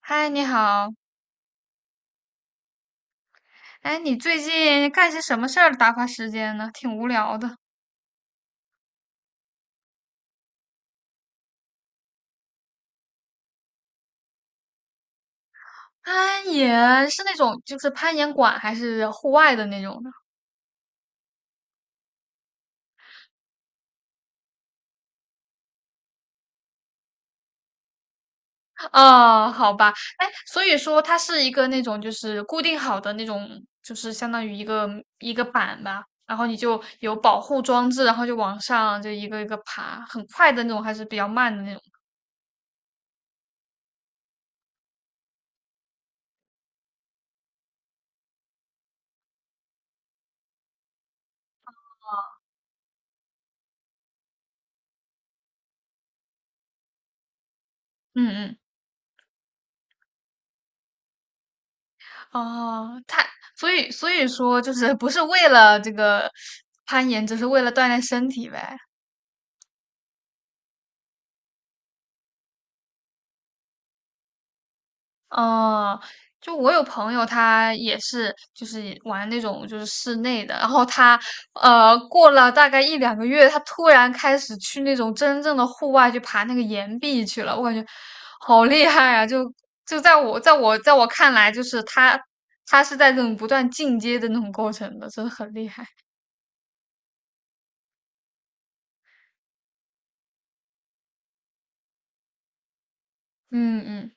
嗨，你好。哎，你最近干些什么事儿打发时间呢？挺无聊的。攀岩是那种就是攀岩馆还是户外的那种呢？哦，好吧。哎，所以说它是一个那种就是固定好的那种，就是相当于一个板吧，然后你就有保护装置，然后就往上就一个一个爬，很快的那种还是比较慢的那种？嗯嗯。哦，它所以所以说就是不是为了这个攀岩，只是为了锻炼身体呗。哦，就我有朋友，他也是就是玩那种就是室内的，然后他过了大概一两个月，他突然开始去那种真正的户外去爬那个岩壁去了，我感觉好厉害啊！就在我看来，就是他是在这种不断进阶的那种过程的，真的很厉害。嗯嗯，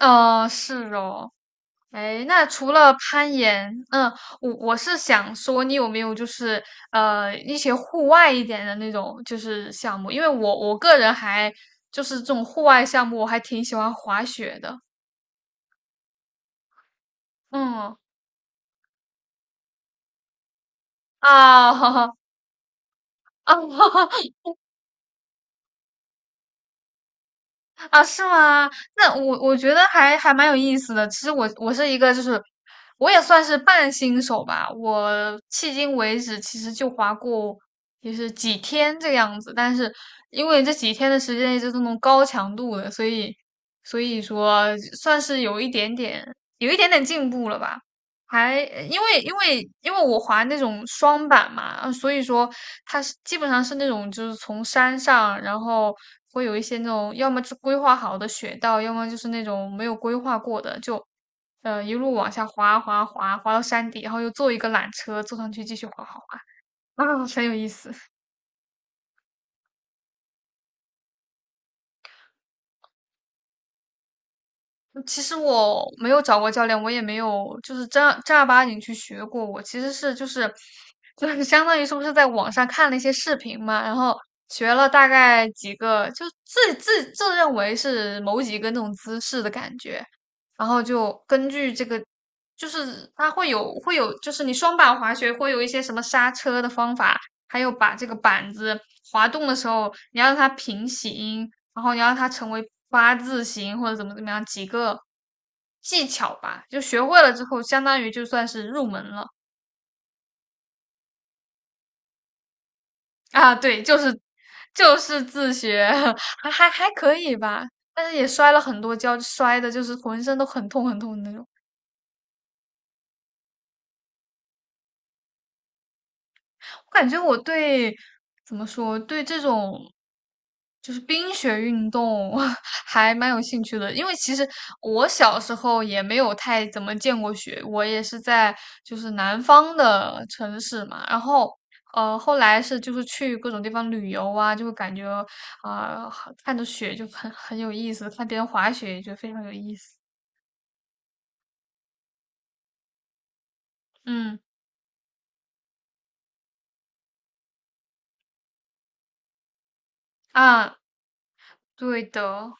哦，是哦。哎，那除了攀岩，嗯，我是想说，你有没有就是一些户外一点的那种就是项目？因为我个人还就是这种户外项目，我还挺喜欢滑雪的。嗯啊，哈哈啊，啊，是吗？那我觉得还蛮有意思的。其实我是一个，就是我也算是半新手吧。我迄今为止其实就滑过，也是几天这个样子。但是因为这几天的时间一直都那高强度的，所以说算是有一点点进步了吧。还因为我滑那种双板嘛，所以说它是基本上是那种就是从山上，然后会有一些那种要么是规划好的雪道，要么就是那种没有规划过的，就一路往下滑滑到山底，然后又坐一个缆车坐上去继续滑啊，很有意思。其实我没有找过教练，我也没有就是正儿八经去学过。我其实是就是就是相当于是不是在网上看了一些视频嘛，然后学了大概几个，就自认为是某几个那种姿势的感觉，然后就根据这个，就是它会有会有，就是你双板滑雪会有一些什么刹车的方法，还有把这个板子滑动的时候，你要让它平行，然后你让它成为八字形或者怎么怎么样几个技巧吧，就学会了之后，相当于就算是入门了。 啊。对，就是就是自学，还可以吧，但是也摔了很多跤，摔的就是浑身都很痛的那种。我感觉我对怎么说，对这种就是冰雪运动 还蛮有兴趣的，因为其实我小时候也没有太怎么见过雪，我也是在就是南方的城市嘛，然后后来是就是去各种地方旅游啊，就会感觉啊、看着雪就很有意思，看别人滑雪也觉得非常有意思。嗯啊，对的。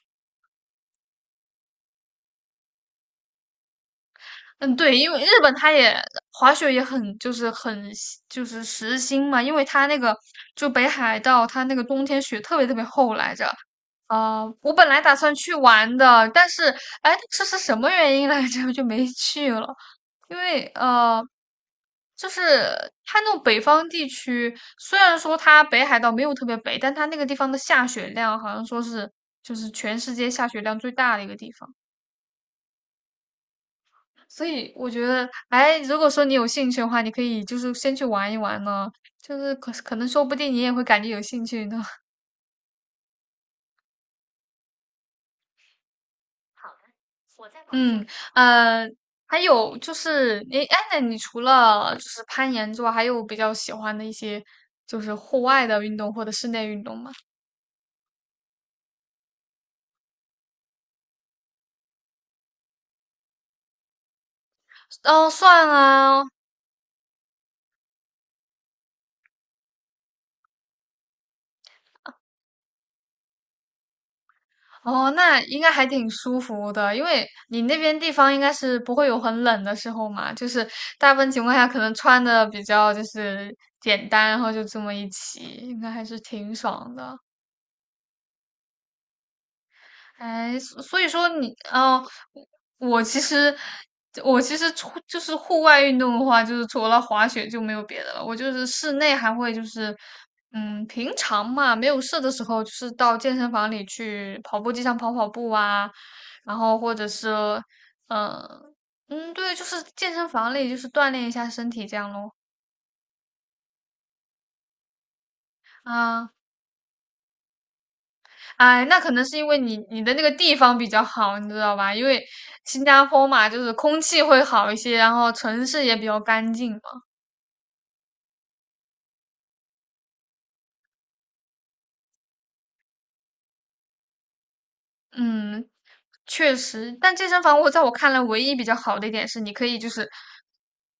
嗯，对，因为日本它也滑雪也很就是很喜就是时兴嘛，因为它那个就北海道它那个冬天雪特别特别厚来着。啊、我本来打算去玩的，但是哎，这是什么原因来着？就没去了，因为就是它那种北方地区，虽然说它北海道没有特别北，但它那个地方的下雪量好像说是就是全世界下雪量最大的一个地方。所以我觉得，哎，如果说你有兴趣的话，你可以就是先去玩一玩呢，就是可能说不定你也会感觉有兴趣呢。嗯，呃，还有就是，你哎，那你除了就是攀岩之外，还有比较喜欢的一些就是户外的运动或者室内运动吗？哦，算啊，哦，那应该还挺舒服的，因为你那边地方应该是不会有很冷的时候嘛，就是大部分情况下可能穿的比较就是简单，然后就这么一骑，应该还是挺爽的。哎，所所以说你，哦，我其实我其实除就是户外运动的话，就是除了滑雪就没有别的了。我就是室内还会就是，嗯，平常嘛，没有事的时候，就是到健身房里去跑步机上跑跑步啊，然后或者是，嗯、嗯，对，就是健身房里就是锻炼一下身体这样咯。啊，哎，那可能是因为你的那个地方比较好，你知道吧？因为新加坡嘛，就是空气会好一些，然后城市也比较干净嘛。嗯，确实，但健身房我在我看来唯一比较好的一点是，你可以就是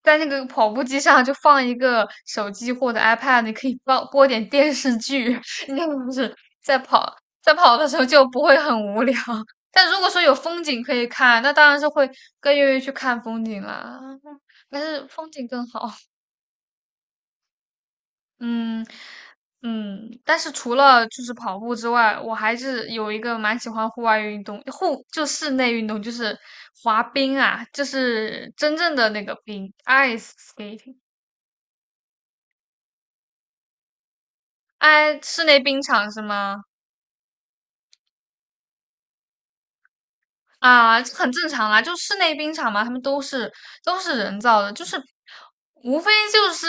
在那个跑步机上就放一个手机或者 iPad，你可以放播点电视剧，你这不是在跑在跑的时候就不会很无聊。但如果说有风景可以看，那当然是会更愿意去看风景啦。但是风景更好。嗯嗯，但是除了就是跑步之外，我还是有一个蛮喜欢户外运动，户就室内运动就是滑冰啊，就是真正的那个冰，ice skating，哎，室内冰场是吗？啊，这很正常啦，就室内冰场嘛，他们都是人造的，就是无非就是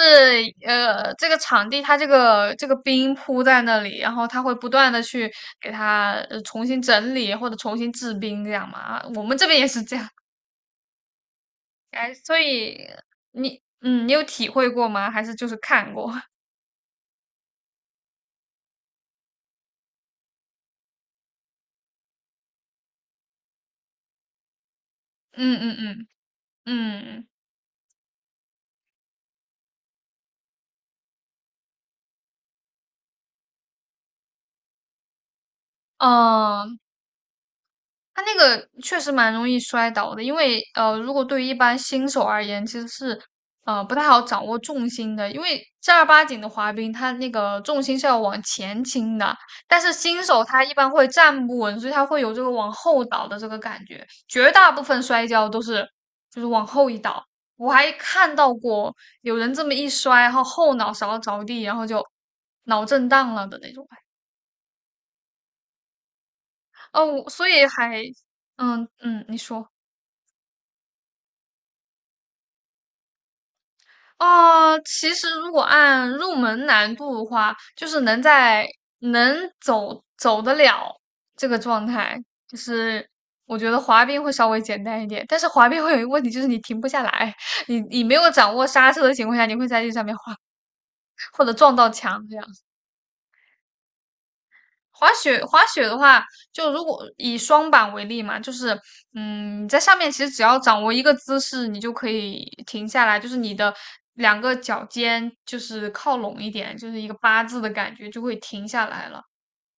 这个场地它这个冰铺在那里，然后它会不断的去给它重新整理或者重新制冰这样嘛。啊我们这边也是这样，哎，所以你嗯，你有体会过吗？还是就是看过？嗯嗯嗯嗯。嗯，哦它那个确实蛮容易摔倒的，因为如果对于一般新手而言，其实是不太好掌握重心的，因为正儿八经的滑冰，它那个重心是要往前倾的，但是新手他一般会站不稳，所以他会有这个往后倒的这个感觉，绝大部分摔跤都是就是往后一倒。我还看到过有人这么一摔，然后后脑勺着地，然后就脑震荡了的那种。哦，所以还嗯嗯，你说。哦，其实如果按入门难度的话，就是能在能走得了这个状态，就是我觉得滑冰会稍微简单一点。但是滑冰会有一个问题，就是你停不下来，你没有掌握刹车的情况下，你会在这上面滑或者撞到墙这样。滑雪，滑雪的话，就如果以双板为例嘛，就是，嗯，你在上面其实只要掌握一个姿势，你就可以停下来，就是你的两个脚尖就是靠拢一点，就是一个八字的感觉，就会停下来了。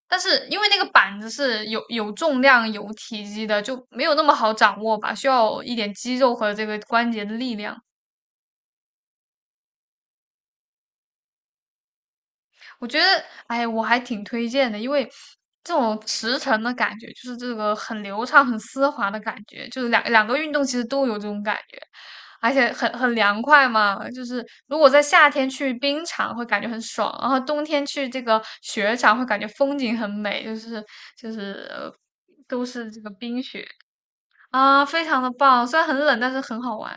但是因为那个板子是有重量、有体积的，就没有那么好掌握吧，需要一点肌肉和这个关节的力量。我觉得，哎，我还挺推荐的，因为这种驰骋的感觉，就是这个很流畅、很丝滑的感觉，就是两个运动其实都有这种感觉，而且很凉快嘛。就是如果在夏天去冰场会感觉很爽，然后冬天去这个雪场会感觉风景很美，就是就是都是这个冰雪啊，非常的棒。虽然很冷，但是很好玩。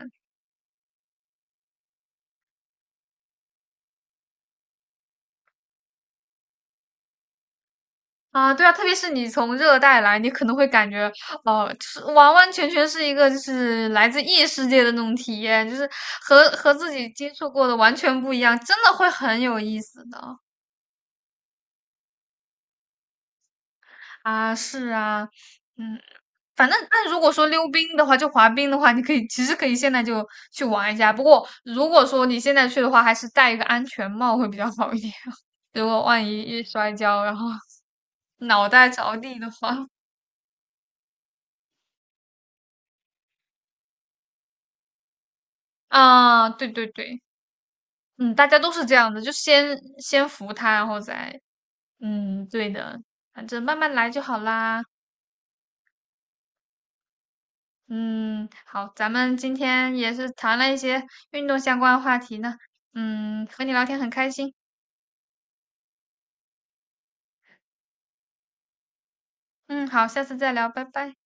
啊，对啊，特别是你从热带来，你可能会感觉，哦、就是完完全全是一个就是来自异世界的那种体验，就是和自己接触过的完全不一样，真的会很有意思的啊，是啊，嗯，反正但如果说溜冰的话，就滑冰的话，你可以其实可以现在就去玩一下，不过如果说你现在去的话，还是戴一个安全帽会比较好一点，如果万一一摔跤，然后脑袋着地的话，啊，对对对。嗯，大家都是这样的，就先服他，然后再，嗯，对的，反正慢慢来就好啦。嗯，好，咱们今天也是谈了一些运动相关的话题呢。嗯，和你聊天很开心。嗯，好，下次再聊，拜拜。